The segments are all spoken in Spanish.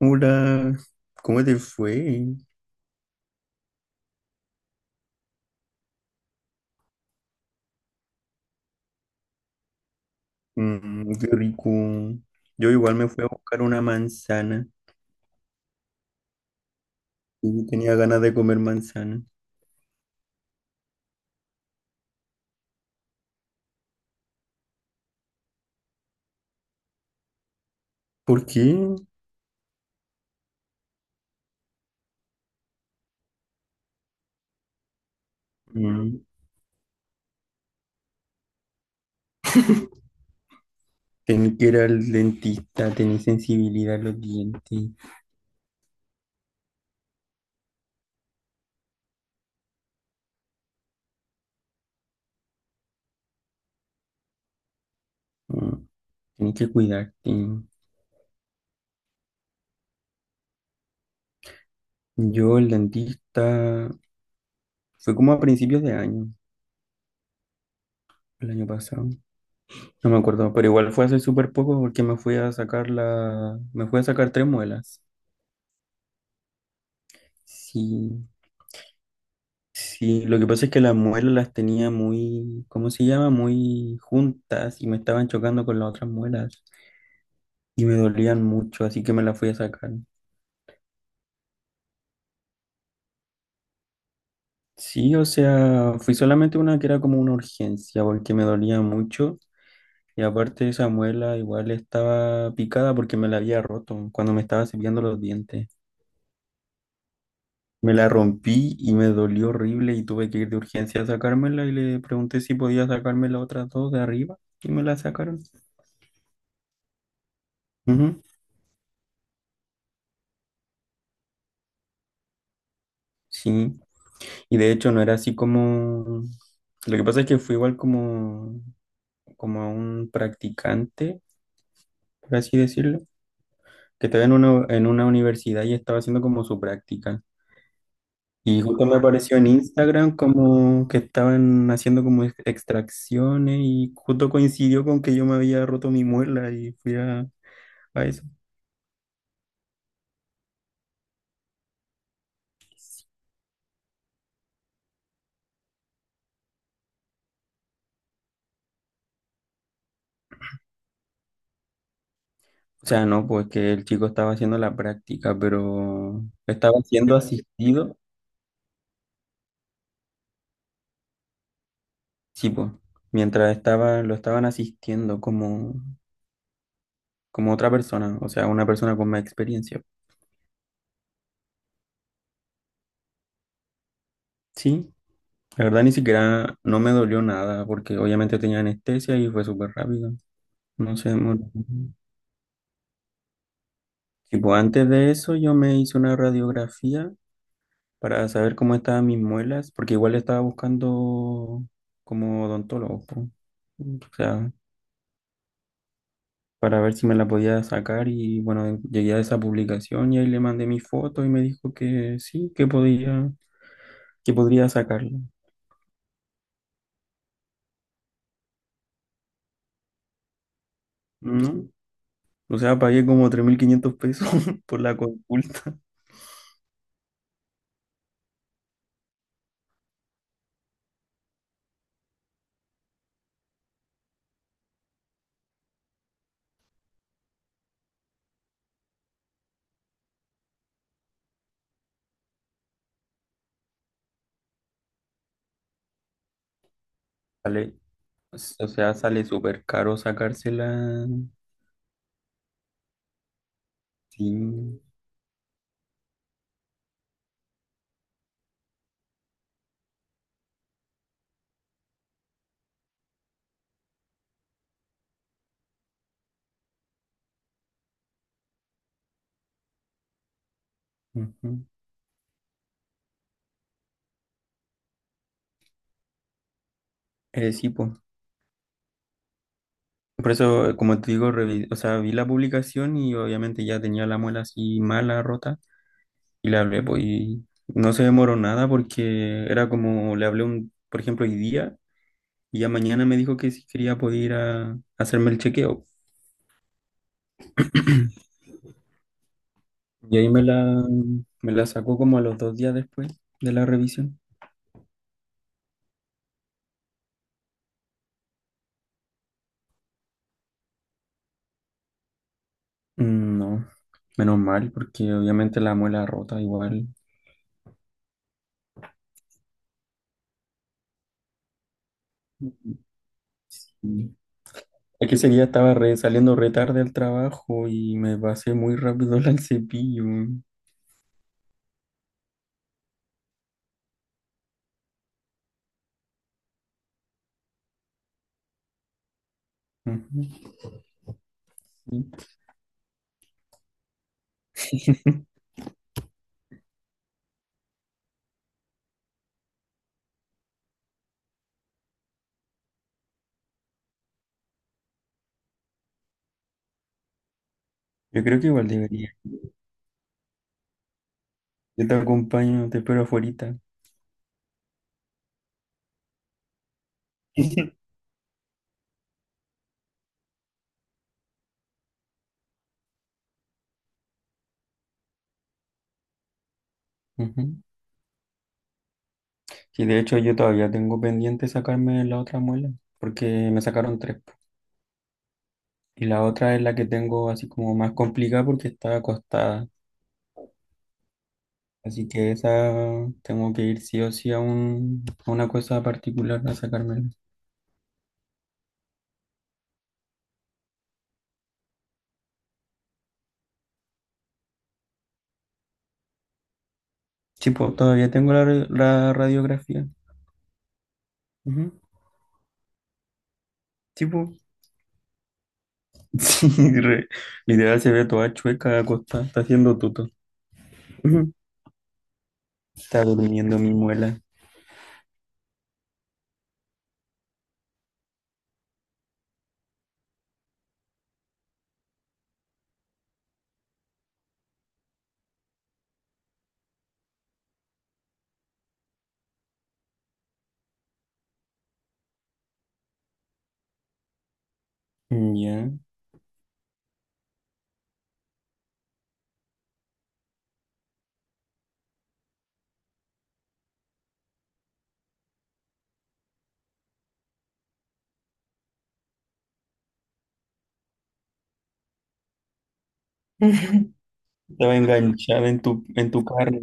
Hola, ¿cómo te fue? Mm, qué rico. Yo igual me fui a buscar una manzana y tenía ganas de comer manzana. ¿Por qué? Mm, Tenés que ir al dentista, tenía sensibilidad a los dientes, mm, tenía que cuidarte. Yo, el dentista, fue como a principios de año, el año pasado. No me acuerdo, pero igual fue hace súper poco porque me fui a sacar me fui a sacar tres muelas. Sí. Sí, lo que pasa es que las muelas las tenía muy, ¿cómo se llama? Muy juntas y me estaban chocando con las otras muelas y me dolían mucho, así que me las fui a sacar. Sí, o sea, fui solamente una que era como una urgencia porque me dolía mucho y aparte esa muela igual estaba picada porque me la había roto cuando me estaba cepillando los dientes. Me la rompí y me dolió horrible y tuve que ir de urgencia a sacármela y le pregunté si podía sacarme las otras dos de arriba y me la sacaron. Ujú. Sí. Y de hecho no era así como... Lo que pasa es que fue igual como, a un practicante, por así decirlo, que estaba en una universidad y estaba haciendo como su práctica. Y justo me apareció en Instagram como que estaban haciendo como extracciones y justo coincidió con que yo me había roto mi muela y fui a eso. O sea, no, pues que el chico estaba haciendo la práctica, pero estaba siendo asistido, sí, pues, mientras estaba, lo estaban asistiendo como otra persona, o sea, una persona con más experiencia. Sí, la verdad ni siquiera no me dolió nada porque obviamente tenía anestesia y fue súper rápido. No sé. Tipo antes de eso yo me hice una radiografía para saber cómo estaban mis muelas, porque igual estaba buscando como odontólogo, po. O sea, para ver si me la podía sacar y bueno, llegué a esa publicación y ahí le mandé mi foto y me dijo que sí, que podía, que podría sacarla. ¿No? O sea, pagué como 3.500 pesos por la consulta. Sale, o sea, sale súper caro sacársela. Sí. Ujú. Sí, pues. Por eso, como te digo, o sea, vi la publicación y obviamente ya tenía la muela así mala, rota, y le hablé, pues, y no se demoró nada porque era como, le hablé un, por ejemplo, hoy día, y ya mañana me dijo que si quería poder ir a hacerme el chequeo. Y ahí me la sacó como a los 2 días después de la revisión. No, menos mal, porque obviamente la muela rota igual. Mm. Es que ese día estaba saliendo re tarde al trabajo y me pasé muy rápido al cepillo. Ujú, sí. Yo creo que igual debería. Yo te acompaño, te espero afuerita. Ujú. Sí, de hecho yo todavía tengo pendiente sacarme la otra muela, porque me sacaron tres, po. Y la otra es la que tengo así como más complicada porque está acostada. Así que esa tengo que ir sí o sí a una cosa particular a sacármela. Sí, po, todavía tengo la radiografía. Ujú. Sí, po. Sí, re- Literal se ve toda chueca acostada, está haciendo tuto. Ujú. Está durmiendo mi muela. Ya. Estaba enganchada en tu carne.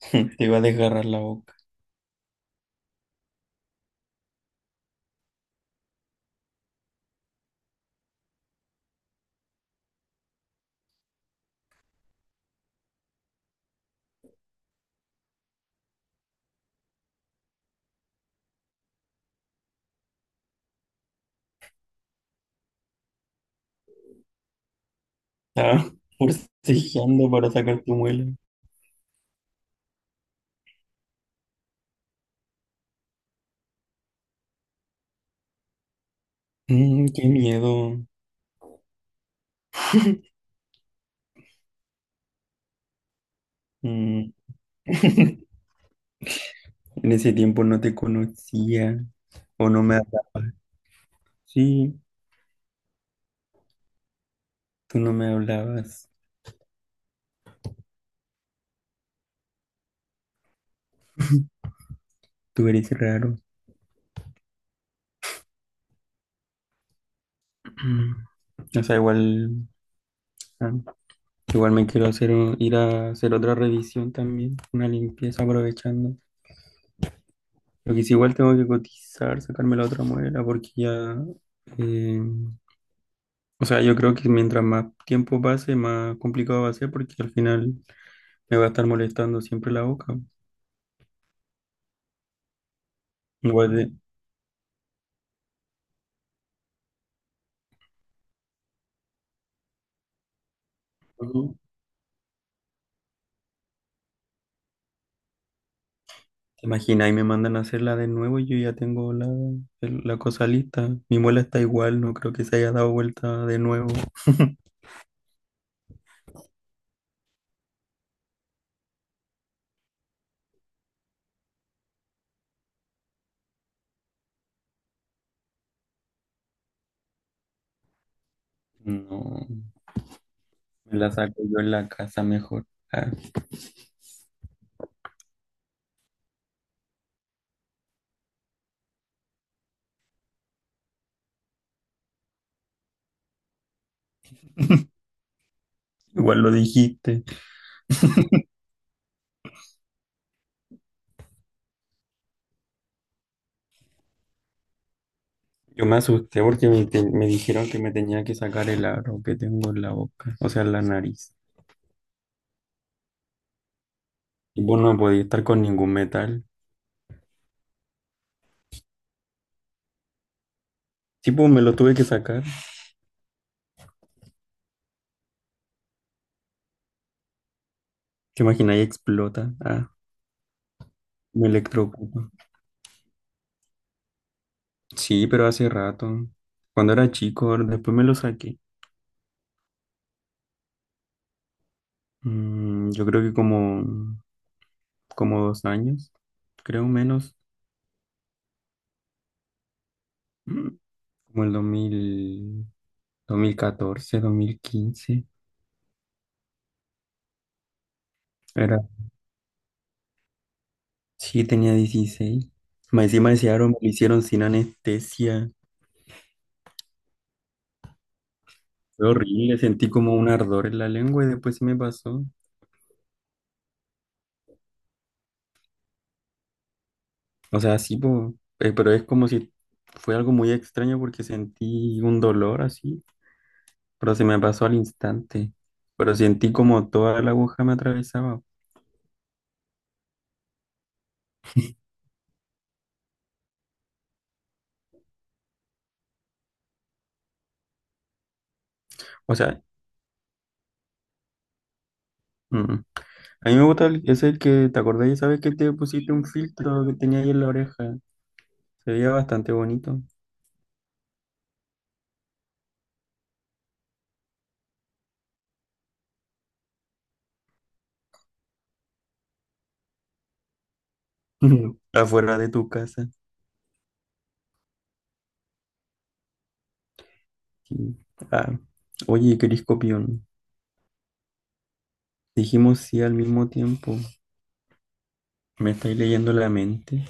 Te iba a desgarrar la boca. Estaba forcejeando para sacar tu muela. Mm, qué miedo. Mm. En ese tiempo no te conocía. O no me hablabas. Sí, tú no me hablabas. Tú eres raro. O sea, igual, ah, igual me quiero hacer ir a hacer otra revisión también, una limpieza aprovechando. Lo que sí, igual tengo que cotizar, sacarme la otra muela, porque ya, eh, o sea, yo creo que mientras más tiempo pase, más complicado va a ser, porque al final me va a estar molestando siempre la boca. Igual de- ¿Te imaginas? Y me mandan a hacerla de nuevo y yo ya tengo la cosa lista. Mi muela está igual, no creo que se haya dado vuelta de nuevo. No, me la saco yo en la casa mejor. Ah, igual lo dijiste. Yo me asusté porque me dijeron que me tenía que sacar el aro que tengo en la boca, o sea, en la nariz. Y pues no podía estar con ningún metal. Sí, pues me lo tuve que sacar. ¿Te imaginas? Y explota. Ah, me electrocuto. Sí, pero hace rato. Cuando era chico, después me lo saqué. Mm, yo creo que como 2 años, creo menos, mm, como el dos mil 2014, 2015. Era, sí, tenía 16. Más encima ese aro me lo hicieron sin anestesia. Fue horrible, sentí como un ardor en la lengua y después se me pasó. O sea, sí, po, pero es como si fue algo muy extraño porque sentí un dolor así, pero se me pasó al instante. Pero sentí como toda la aguja me atravesaba. O sea, mm. A mí me gusta ese el que te acordás, ya sabes que te pusiste un filtro que tenía ahí en la oreja. Se veía bastante bonito. Afuera de tu casa. Sí. Ah, oye, Cris Copión, dijimos sí al mismo tiempo. Me estáis leyendo la mente.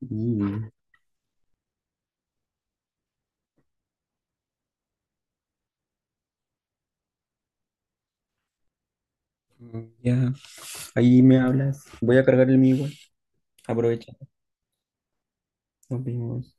Y, ya, ahí me hablas. Voy a cargar el mío igual. Aprovecha. Nos vemos.